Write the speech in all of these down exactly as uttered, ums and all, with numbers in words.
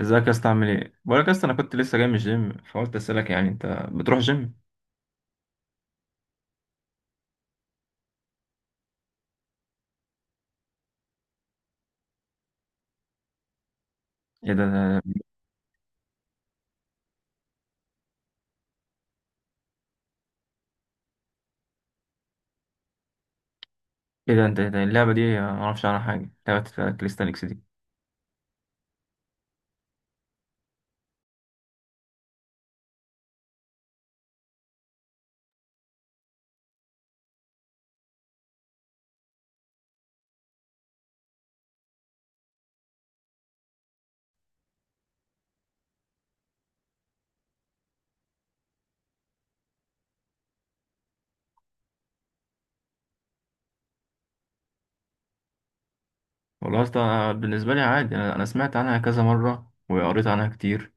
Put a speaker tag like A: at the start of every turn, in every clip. A: ازيك يا اسطى عامل ايه؟ بقولك يا اسطى انا كنت لسه جاي من الجيم فقلت اسالك يعني انت بتروح جيم؟ ايه ده ايه ده انت إيه ده إيه اللعبه دي ما اعرفش عنها حاجه لعبه كاليستانكس دي. والله يا اسطى أنا بالنسبه لي عادي، انا أنا سمعت عنها كذا مره وقريت عنها كتير،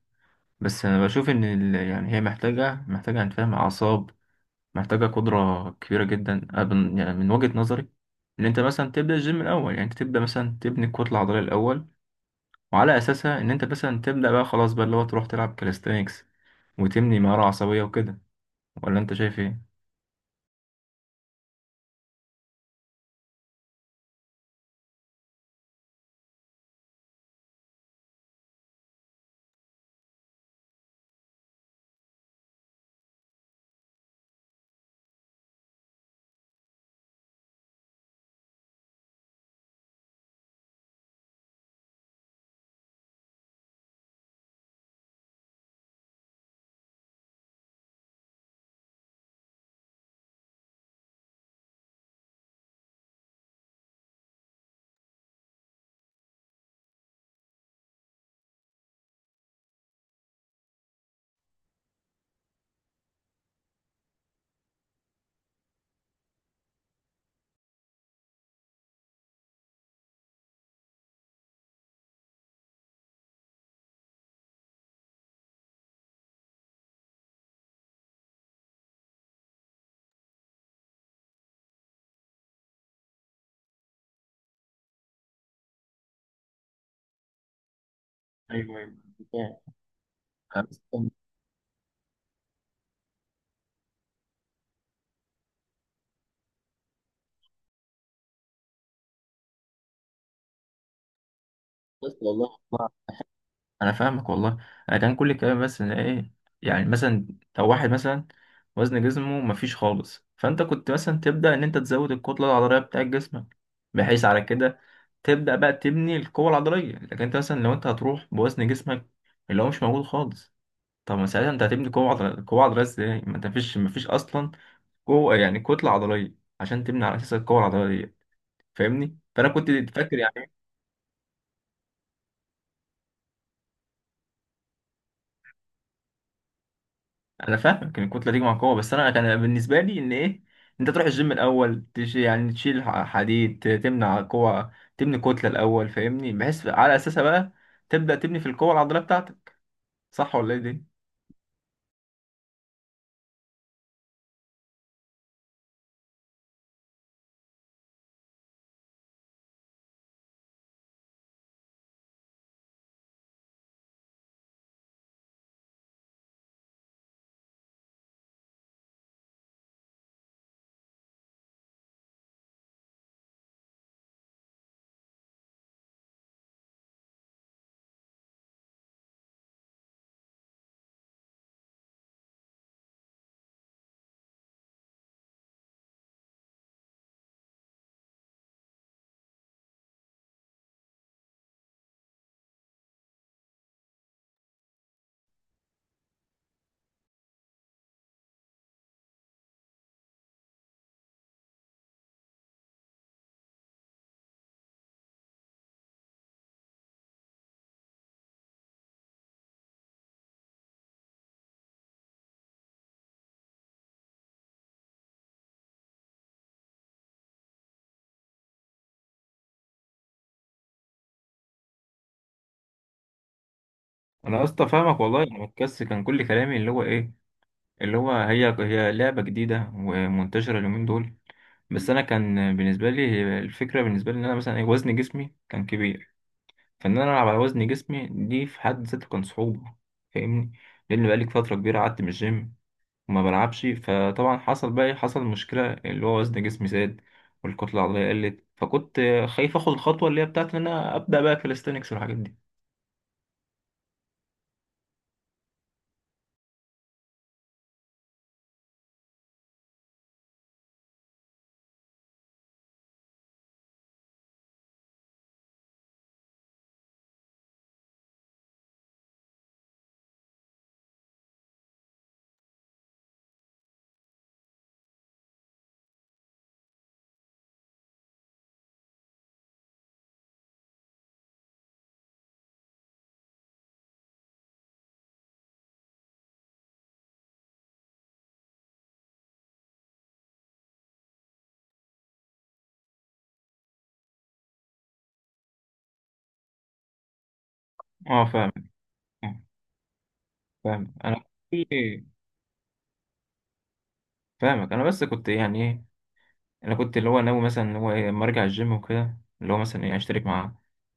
A: بس انا بشوف ان ال... يعني هي محتاجه محتاجه انت فاهم اعصاب، محتاجه قدره كبيره جدا. أنا بن- يعني من وجهه نظري ان انت مثلا تبدا الجيم الاول، يعني انت تبدا مثلا تبني الكتله العضليه الاول، وعلى اساسها ان انت مثلا تبدا بقى خلاص بقى اللي هو تروح تلعب كاليستانكس وتبني مهارة عصبية وكده. ولا أنت شايف إيه؟ ايوه ايوه، فاهم. أنا أنا فاهمك والله. أنا كان كل الكلام بس إن إيه، يعني مثلا لو واحد مثلا وزن جسمه مفيش خالص، فأنت كنت مثلا تبدأ إن أنت تزود الكتلة العضلية بتاعت جسمك، بحيث على كده تبدأ بقى تبني القوة العضلية. لكن أنت مثلا لو أنت هتروح بوزن جسمك اللي هو مش موجود خالص، طب ما ساعتها أنت هتبني قوة عضلية، قوة عضلية إزاي؟ ما أنت مفيش مفيش أصلا قوة، يعني كتلة عضلية عشان تبني على أساس القوة العضلية، فاهمني؟ فانا كنت فاكر يعني. انا فاهمك ان الكتله تيجي مع القوه، بس انا كان بالنسبه لي ان ايه، انت تروح الجيم الاول تش يعني تشيل ح- حديد، ت- تمنع قوه، تبني كتله الاول، فاهمني؟ بحيث على اساسها بقى تبدا تبني في القوه العضليه بتاعتك، صح ولا ايه دي؟ انا يا اسطى فاهمك والله. انا بتكس كان كل كلامي اللي هو ايه، اللي هو هي هي لعبه جديده ومنتشره اليومين دول، بس انا كان بالنسبه لي الفكره، بالنسبه لي ان انا مثلا إيه، وزن جسمي كان كبير، فان انا العب على وزن جسمي دي في حد ذاته كان صعوبه، فاهمني؟ لان بقالي فتره كبيره قعدت من الجيم وما بلعبش، فطبعا حصل بقى إيه؟ حصل مشكله اللي هو وزن جسمي زاد والكتله العضليه قلت، فكنت خايف اخد الخطوه اللي هي بتاعت ان انا ابدا بقى كاليستانكس والحاجات دي. اه فاهمك. فاهم. فاهم. انا كنت إيه؟ فاهمك. انا بس كنت يعني ايه، انا كنت اللي هو ناوي مثلا اللي هو إيه، اما ارجع الجيم وكده، اللي هو مثلا ايه اشترك مع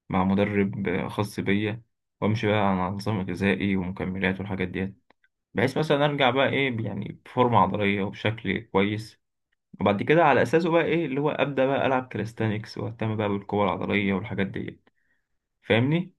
A: مع مدرب خاص بيا، وامشي بقى على نظام غذائي ومكملات والحاجات دي، بحيث مثلا ارجع بقى ايه يعني بفورمه عضليه وبشكل كويس، وبعد كده على اساسه بقى ايه اللي هو ابدا بقى العب كاليستانكس واهتم بقى بالقوه العضليه والحاجات دي، فاهمني؟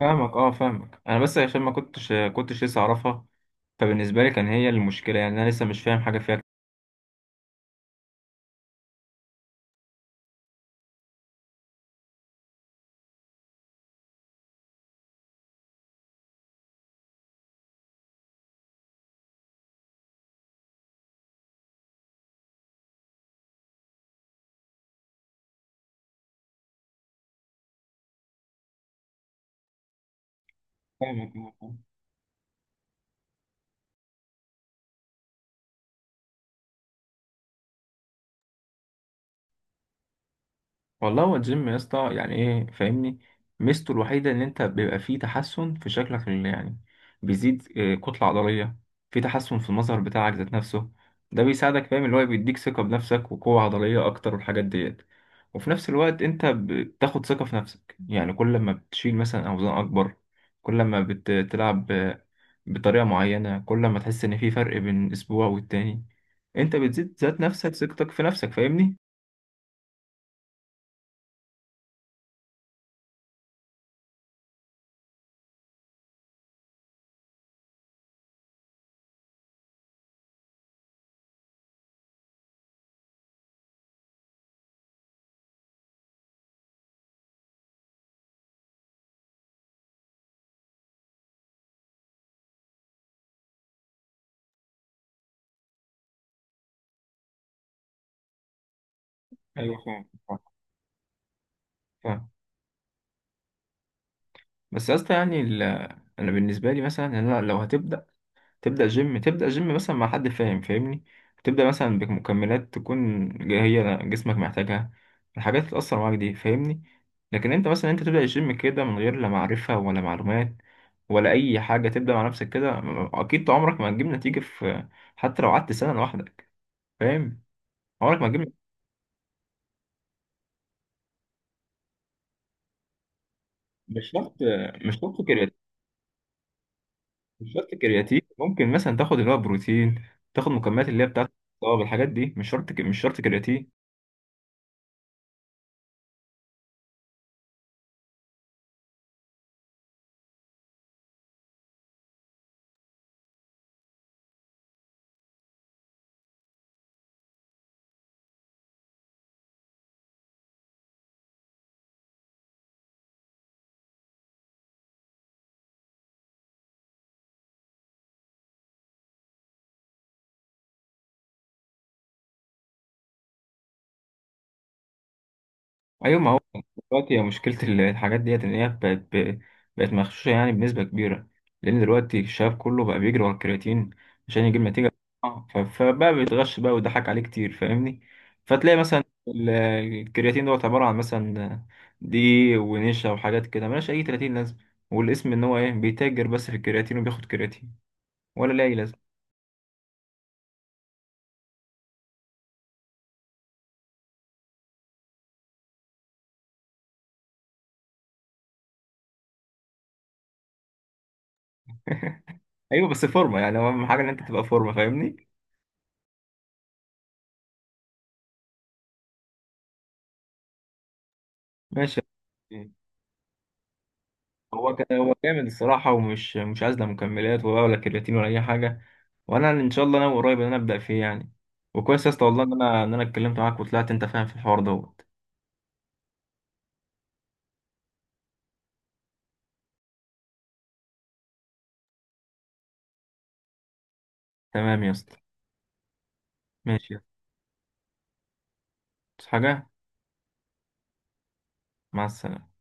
A: فاهمك اه فاهمك. انا بس عشان ما كنتش كنتش لسه اعرفها، فبالنسبه لي كان هي المشكله، يعني انا لسه مش فاهم حاجه فيها. فاهمك. والله هو الجيم يا اسطى يعني ايه، فاهمني؟ ميزته الوحيده ان انت بيبقى فيه تحسن في شكلك، ال- يعني بيزيد آه، كتله عضليه، في تحسن في المظهر بتاعك ذات نفسه، ده بيساعدك فاهم اللي هو بيديك ثقه بنفسك وقوه عضليه اكتر والحاجات ديت. وفي نفس الوقت انت بتاخد ثقه في نفسك، يعني كل ما بتشيل مثلا اوزان اكبر، كل ما بتلعب بطريقه معينه، كل ما تحس ان في فرق بين اسبوع والتاني، انت بتزيد ذات نفسك ثقتك في نفسك، فاهمني؟ ايوه فاهم. فاهم. بس يا اسطى يعني ال... انا بالنسبه لي مثلا إن انا لو هتبدا، تبدا جيم، تبدا جيم مثلا مع حد فاهم فاهمني، تبدا مثلا بمكملات تكون جا- هي جسمك محتاجها، الحاجات اللي تاثر معاك دي، فاهمني؟ لكن انت مثلا انت تبدا الجيم كده من غير لا معرفه ولا معلومات ولا اي حاجه، تبدا مع نفسك كده، اكيد عمرك ما هتجيب نتيجه في، حتى لو قعدت سنه لوحدك، فاهم؟ عمرك ما هتجيب. مش شرط. مش شرط. مش شرط كرياتين، ممكن مثلا تاخد اللي هو بروتين، تاخد مكملات اللي هي بتاعت الطاقه، الحاجات دي مش شرط ك- مش شرط كرياتين. ايوه ما هو دلوقتي هي مشكله ال- الحاجات ديت ان هي بقت ب- بقت مغشوشه يعني بنسبه كبيره، لان دلوقتي الشباب كله بقى بيجري ورا الكرياتين عشان يجيب نتيجه. آه، ف- فبقى بيتغش بقى ويضحك عليه كتير، فاهمني؟ فتلاقي مثلا ال- الكرياتين دوت عباره عن مثلا دقيق ونشا وحاجات كده ملهاش اي تلاتين لازمه، والاسم ان هو ايه بيتاجر بس في الكرياتين وبياخد كرياتين ولا ليه أي لازمه. ايوه بس فورمه، يعني هو اهم حاجه ان انت تبقى فورمه، فاهمني؟ ماشي. هو كان هو جامد الصراحه ومش، مش عايز لا مكملات ولا ولا كرياتين ولا اي حاجه، وانا ان شاء الله انا قريب ان انا ابدا فيه يعني. وكويس يا اسطى والله ان انا ان انا اتكلمت معاك وطلعت انت فاهم في الحوار دوت. تمام يا اسطى. ماشي يا اسطى. حاجه. مع السلامه.